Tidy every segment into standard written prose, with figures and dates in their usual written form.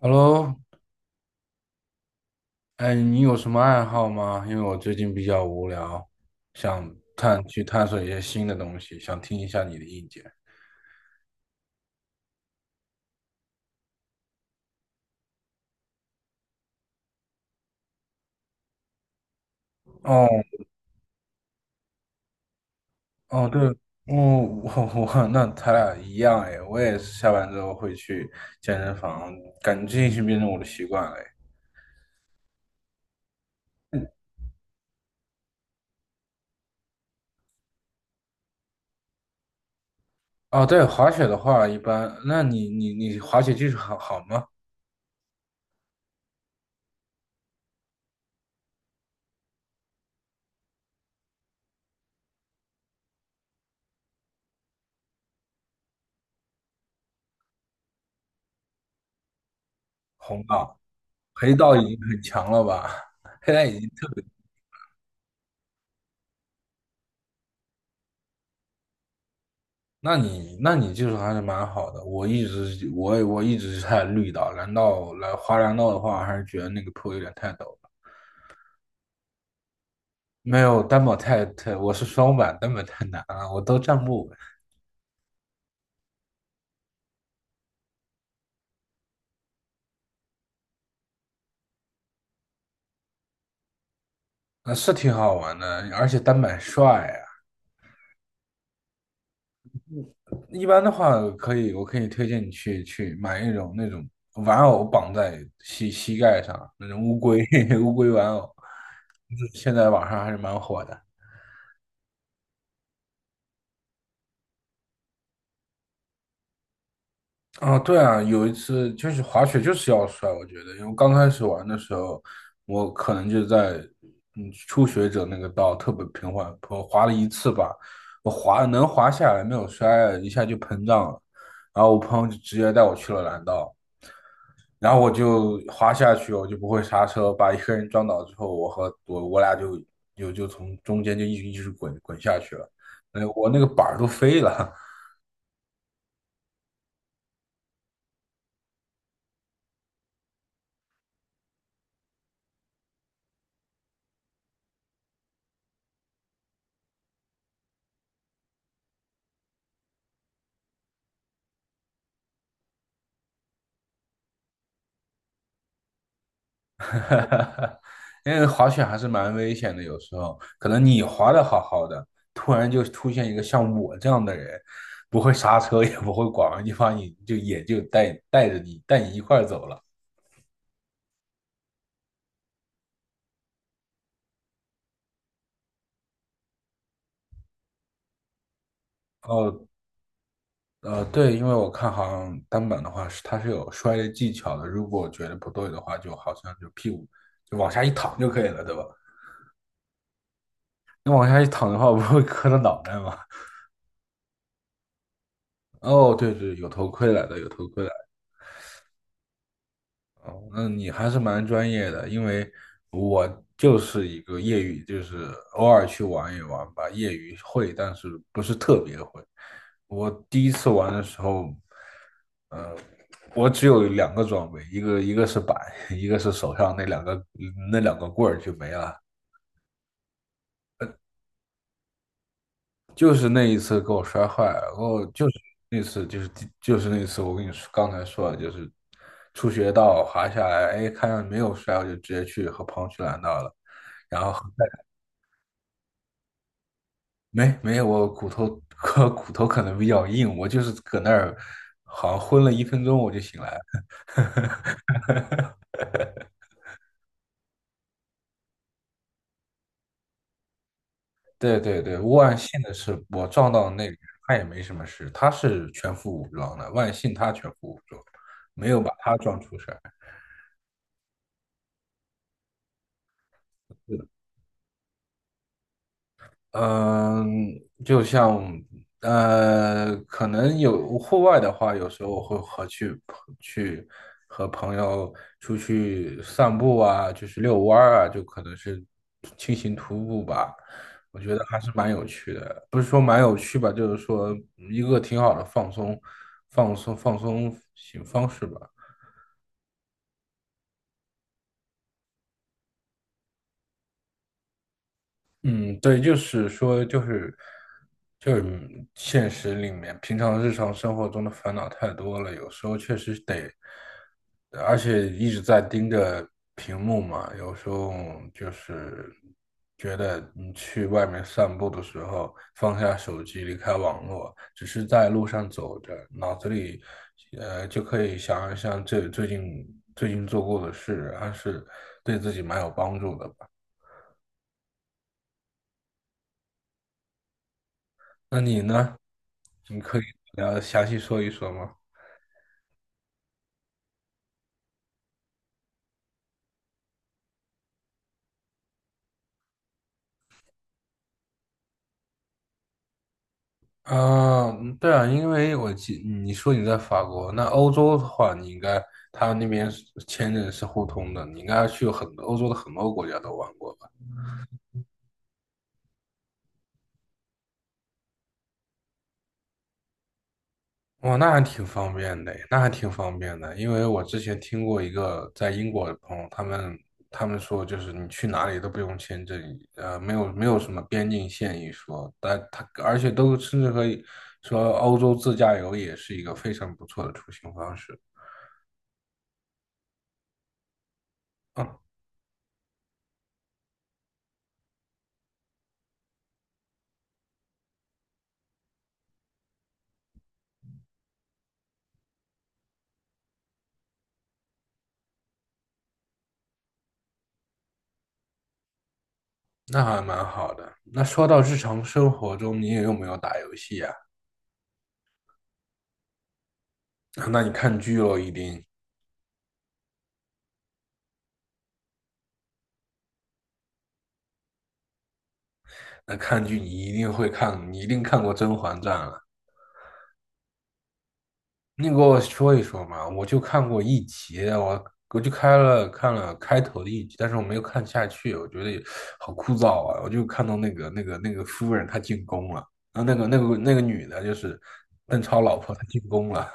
Hello，哎，你有什么爱好吗？因为我最近比较无聊，想去探索一些新的东西，想听一下你的意见。哦哦，对，哦，我那咱俩一样哎，我也是下班之后会去健身房，感觉这已经变成我的习惯了哎。哦，对，滑雪的话一般，那你滑雪技术好吗？红道、黑道已经很强了吧？黑带已经特。那你技术还是蛮好的。我一直是在绿岛，蓝道的话，还是觉得那个坡有点太陡了。没有单板太，我是双板，单板太难了，我都站不稳。那是挺好玩的，而且单板帅啊。一般的话，我可以推荐你去买一种那种玩偶绑在膝盖上那种乌龟 乌龟玩偶，现在网上还是蛮火的。啊，对啊，有一次就是滑雪就是要摔，我觉得，因为刚开始玩的时候，我可能就在初学者那个道特别平缓，我滑了一次吧，能滑下来，没有摔，一下就膨胀了，然后我朋友就直接带我去了蓝道，然后我就滑下去，我就不会刹车，把一个人撞倒之后，我和我我俩就从中间就一直滚下去了，那我那个板儿都飞了。哈哈，因为滑雪还是蛮危险的，有时候可能你滑的好好的，突然就出现一个像我这样的人，不会刹车，也不会拐弯，就把你就也就带你一块儿走了。哦，对，因为我看好像单板的话是它是有摔的技巧的，如果觉得不对的话，就好像就屁股就往下一躺就可以了，对吧？你往下一躺的话，不会磕到脑袋吗？哦，对对，有头盔来的，有头盔来的。哦，那你还是蛮专业的，因为我就是一个业余，就是偶尔去玩一玩吧，业余会，但是不是特别会。我第一次玩的时候，呃，我只有两个装备，一个是板，一个是手上那两个棍儿就没了。就是那一次给我摔坏了，然后就是那次就是第就是那次我跟你说刚才说的，就是初学道滑下来，哎，看见没有摔，我就直接去和朋友去拦道了。然后没有，我骨头 我骨头可能比较硬，我就是搁那儿好像昏了1分钟我就醒来了。对对对，万幸的是我撞到那个人，他也没什么事，他是全副武装的，万幸他全副武装，没有把他撞出事儿。嗯，就像可能有户外的话，有时候我会去和朋友出去散步啊，就是遛弯儿啊，就可能是轻型徒步吧。我觉得还是蛮有趣的，不是说蛮有趣吧，就是说一个挺好的放松型方式吧。嗯，对，就是说，就是现实里面，平常日常生活中的烦恼太多了，有时候确实得，而且一直在盯着屏幕嘛，有时候就是觉得你去外面散步的时候，放下手机，离开网络，只是在路上走着，脑子里就可以想一想这最近做过的事，还是对自己蛮有帮助的。那你呢？你可以详细说一说吗？啊，嗯对啊，因为我记你说你在法国，那欧洲的话，你应该他那边是签证是互通的，你应该去很多欧洲的很多国家都玩过。哇，那还挺方便的，那还挺方便的。因为我之前听过一个在英国的朋友，他们说，就是你去哪里都不用签证，没有什么边境线一说，而且都甚至可以说欧洲自驾游也是一个非常不错的出行方式。嗯，那还蛮好的。那说到日常生活中，你也有没有打游戏啊？那你看剧喽，一定，那看剧你一定会看，你一定看过《甄嬛传》了。你给我说一说嘛，我就看过一集，我就看了开头的一集，但是我没有看下去，我觉得好枯燥啊！我就看到那个夫人她进宫了，啊，那个女的，就是邓超老婆她进宫了。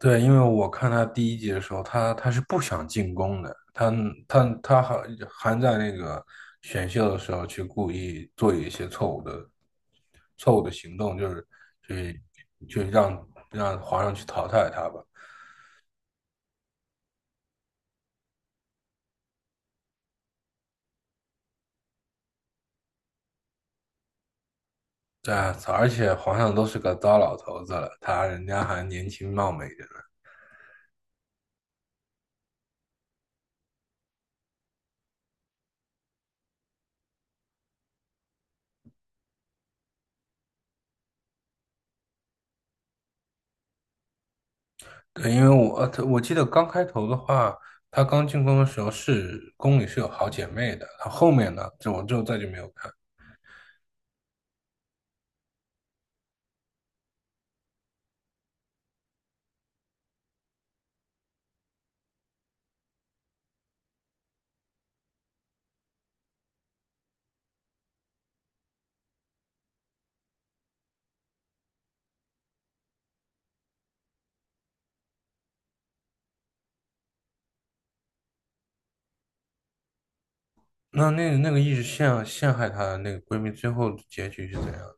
对，因为我看他第一集的时候，他是不想进宫的，他还在那个选秀的时候去故意做一些错误的行动，就是去去让皇上去淘汰他吧。对啊，而且皇上都是个糟老头子了，他人家还年轻貌美的呢。对，因为我记得刚开头的话，他刚进宫的时候是宫里是有好姐妹的，他后面呢，就我就再就没有看。那个一直陷害她的那个闺蜜，最后结局是怎样的？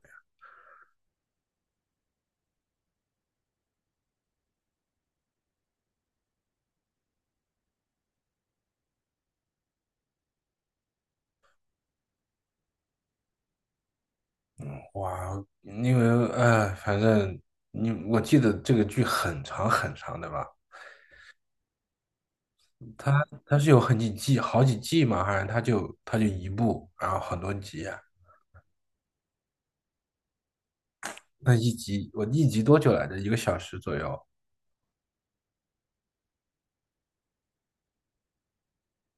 哇，因为哎，反正你我记得这个剧很长很长，的吧？它是有很几季，好几季嘛，好像它就一部，然后很多集啊。那一集我一集多久来着？1个小时左右。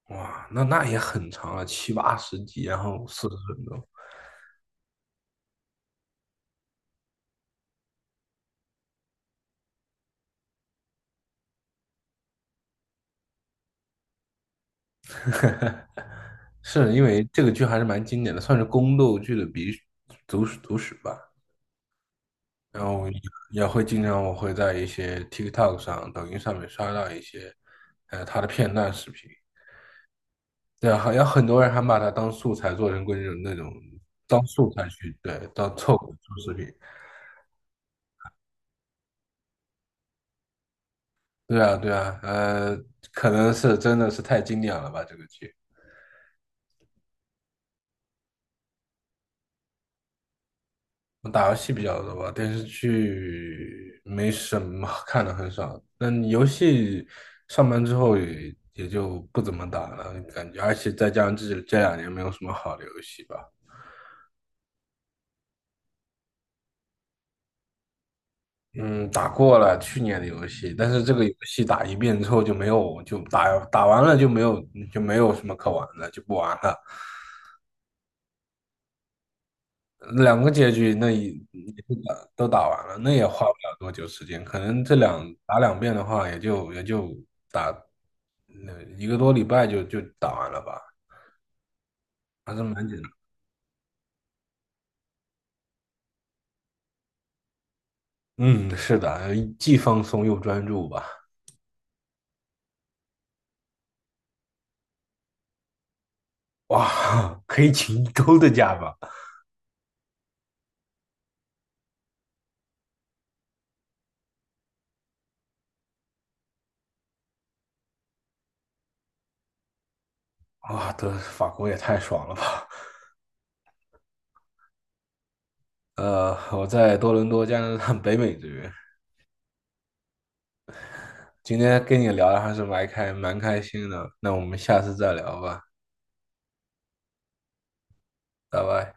哇，那也很长了，七八十集，然后40分钟。是因为这个剧还是蛮经典的，算是宫斗剧的鼻祖史吧。然后也会经常我会在一些 TikTok 上、抖音上面刷到一些，他的片段视频。对，好像很多人还把它当素材做成过那种当素材去，对，当凑合做视频。对啊，对啊，可能是真的是太经典了吧，这个剧。我打游戏比较多吧，电视剧没什么看的很少。那你游戏上班之后也就不怎么打了，感觉，而且再加上这2年没有什么好的游戏吧。嗯，打过了去年的游戏，但是这个游戏打1遍之后就没有，就打完了就没有，就没有什么可玩的，就不玩了。2个结局那也都打完了，那也花不了多久时间，可能打2遍的话，也就打那1个多礼拜就打完了吧，还是蛮简单。嗯，是的，既放松又专注吧。哇，可以请1周的假吧？哇，这法国也太爽了吧！我在多伦多，加拿大 北美这边。今天跟你聊的还是蛮开心的，那我们下次再聊吧，拜拜。